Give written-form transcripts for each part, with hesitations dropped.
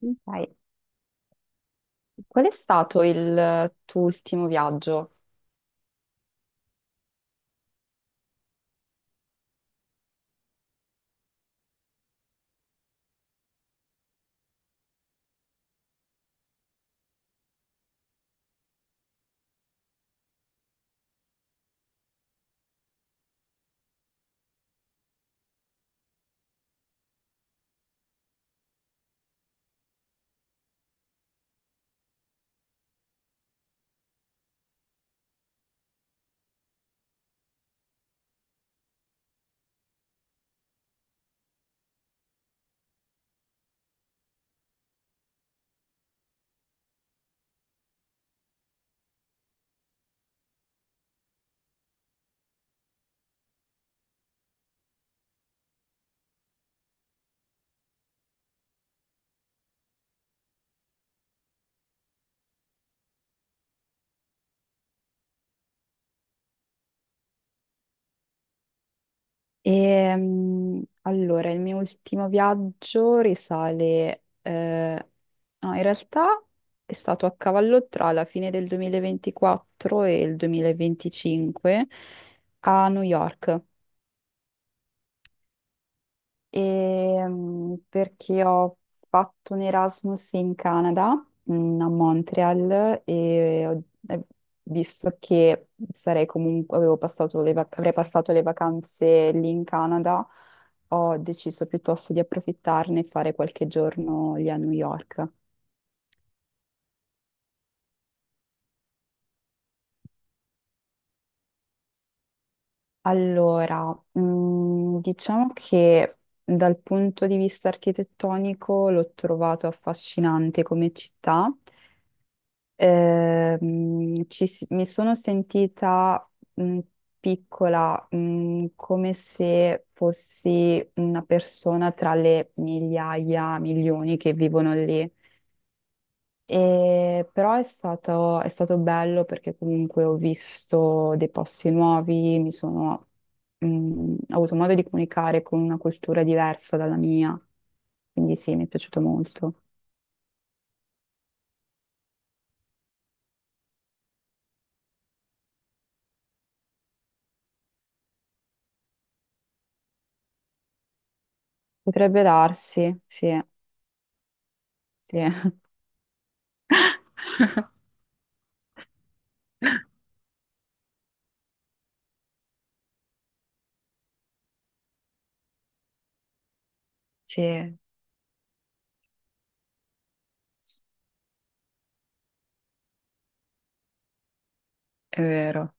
Ok. Qual è stato il tuo ultimo viaggio? Allora, il mio ultimo viaggio risale, no, in realtà è stato a cavallo tra la fine del 2024 e il 2025 a New York. Perché ho fatto un Erasmus in Canada, a Montreal, e visto che sarei comunque, avevo passato le vac- avrei passato le vacanze lì in Canada, ho deciso piuttosto di approfittarne e fare qualche giorno lì a New York. Allora, diciamo che dal punto di vista architettonico l'ho trovato affascinante come città. Mi sono sentita mh, piccola, come se fossi una persona tra le migliaia, milioni che vivono lì. E però è stato bello perché comunque ho visto dei posti nuovi, mh, ho avuto modo di comunicare con una cultura diversa dalla mia, quindi sì, mi è piaciuto molto. Potrebbe darsi, sì, sì, sì. È vero.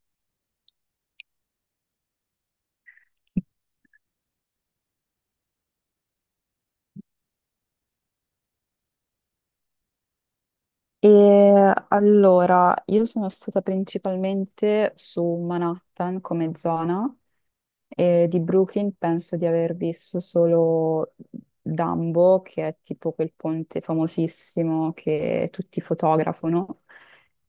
E allora, io sono stata principalmente su Manhattan come zona. E di Brooklyn penso di aver visto solo Dumbo, che è tipo quel ponte famosissimo che tutti fotografano.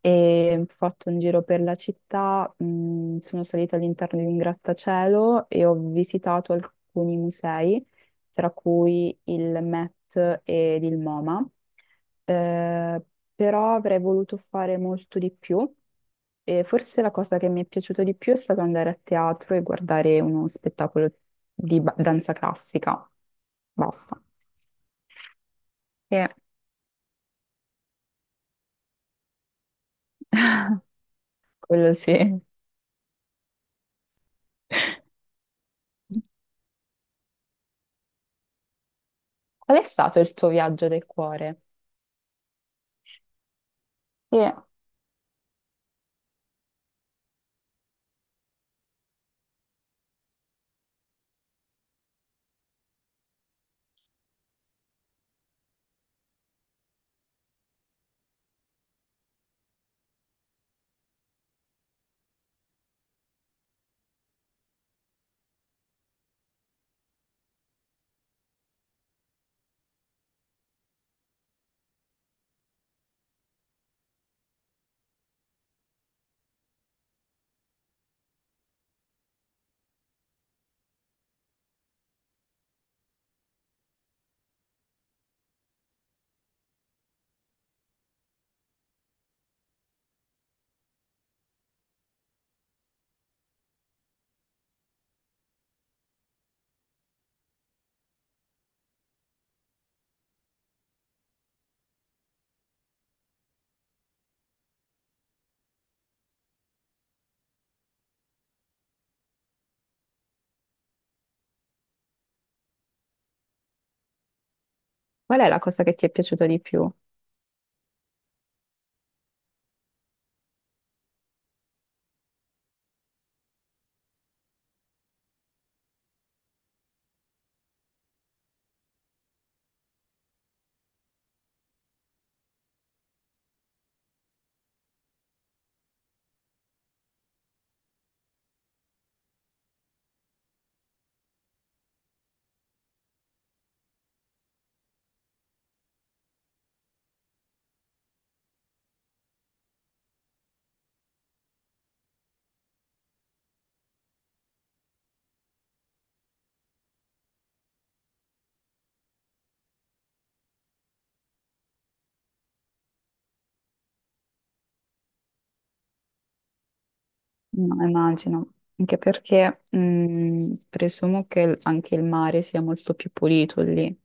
E ho fatto un giro per la città, sono salita all'interno di un grattacielo e ho visitato alcuni musei, tra cui il Met ed il MoMA. Eh, Però avrei voluto fare molto di più. E forse la cosa che mi è piaciuta di più è stato andare a teatro e guardare uno spettacolo di danza classica. Basta. E quello sì. Qual è stato il tuo viaggio del cuore? E qual è la cosa che ti è piaciuta di più? No, immagino. Anche perché presumo che anche il mare sia molto più pulito lì.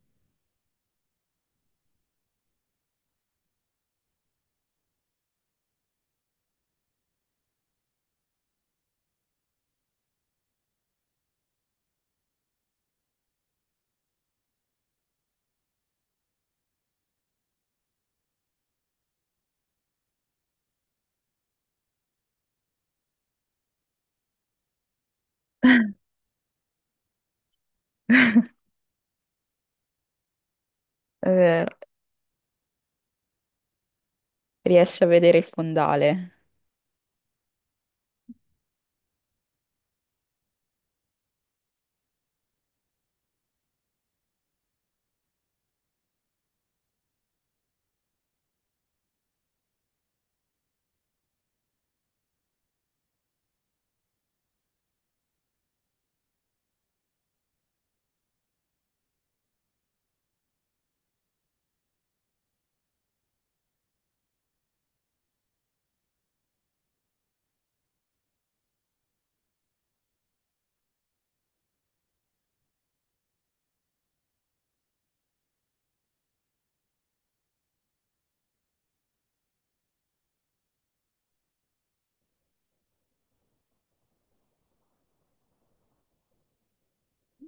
È vero. Riesci a vedere il fondale.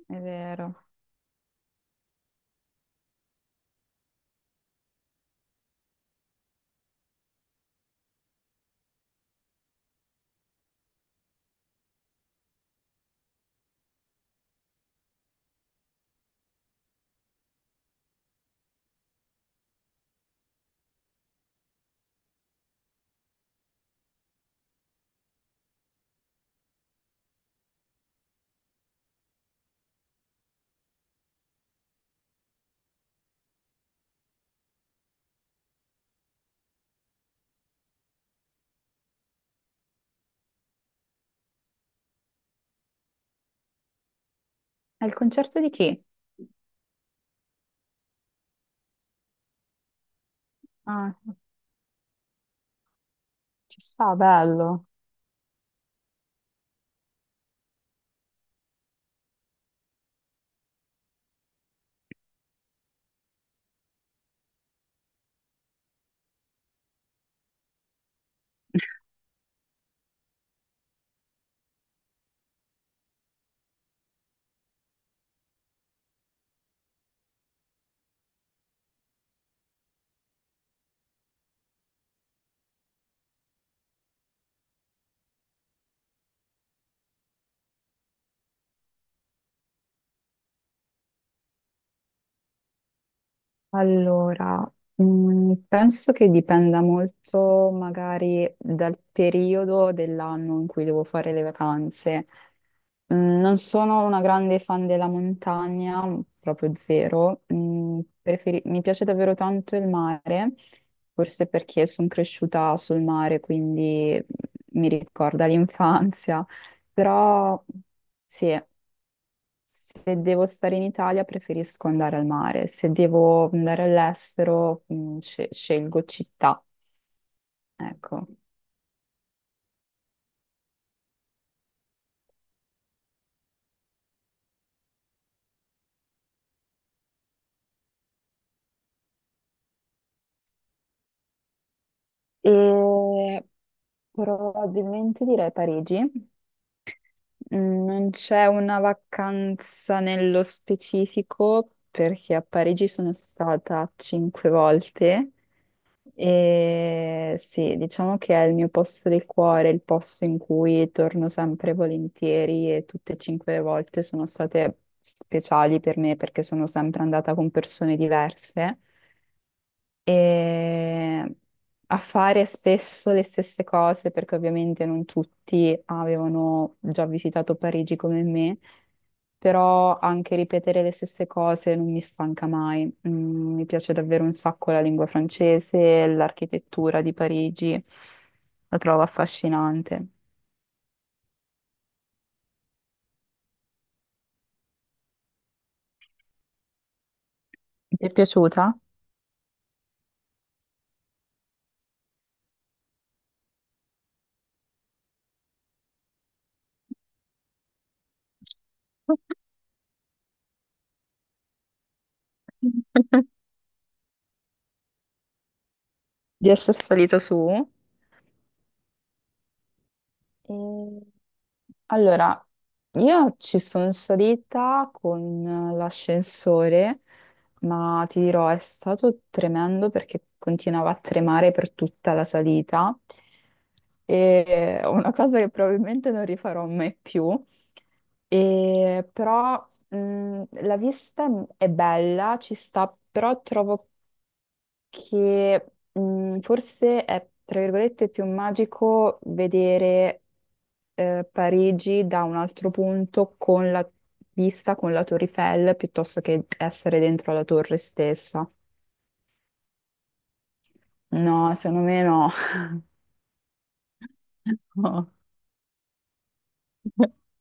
È vero. Al concerto di chi? Ah, ci sta, bello. Allora, penso che dipenda molto magari dal periodo dell'anno in cui devo fare le vacanze. Non sono una grande fan della montagna, proprio zero. Mi piace davvero tanto il mare, forse perché sono cresciuta sul mare, quindi mi ricorda l'infanzia. Però sì. Se devo stare in Italia preferisco andare al mare, se devo andare all'estero scelgo città, ecco. E probabilmente direi Parigi. Non c'è una vacanza nello specifico perché a Parigi sono stata cinque volte. E sì, diciamo che è il mio posto del cuore, il posto in cui torno sempre volentieri e tutte e cinque le volte sono state speciali per me perché sono sempre andata con persone diverse e a fare spesso le stesse cose, perché ovviamente non tutti avevano già visitato Parigi come me, però anche ripetere le stesse cose non mi stanca mai. Mi piace davvero un sacco la lingua francese, l'architettura di Parigi, la trovo affascinante. Ti è piaciuta? Di essere salito su? E- Allora, io ci sono salita con l'ascensore, ma ti dirò, è stato tremendo perché continuava a tremare per tutta la salita. E è una cosa che probabilmente non rifarò mai più. E però la vista è bella, ci sta, però trovo che forse è, tra virgolette, più magico vedere Parigi da un altro punto con la vista con la Torre Eiffel piuttosto che essere dentro la torre stessa. No, secondo me no. No.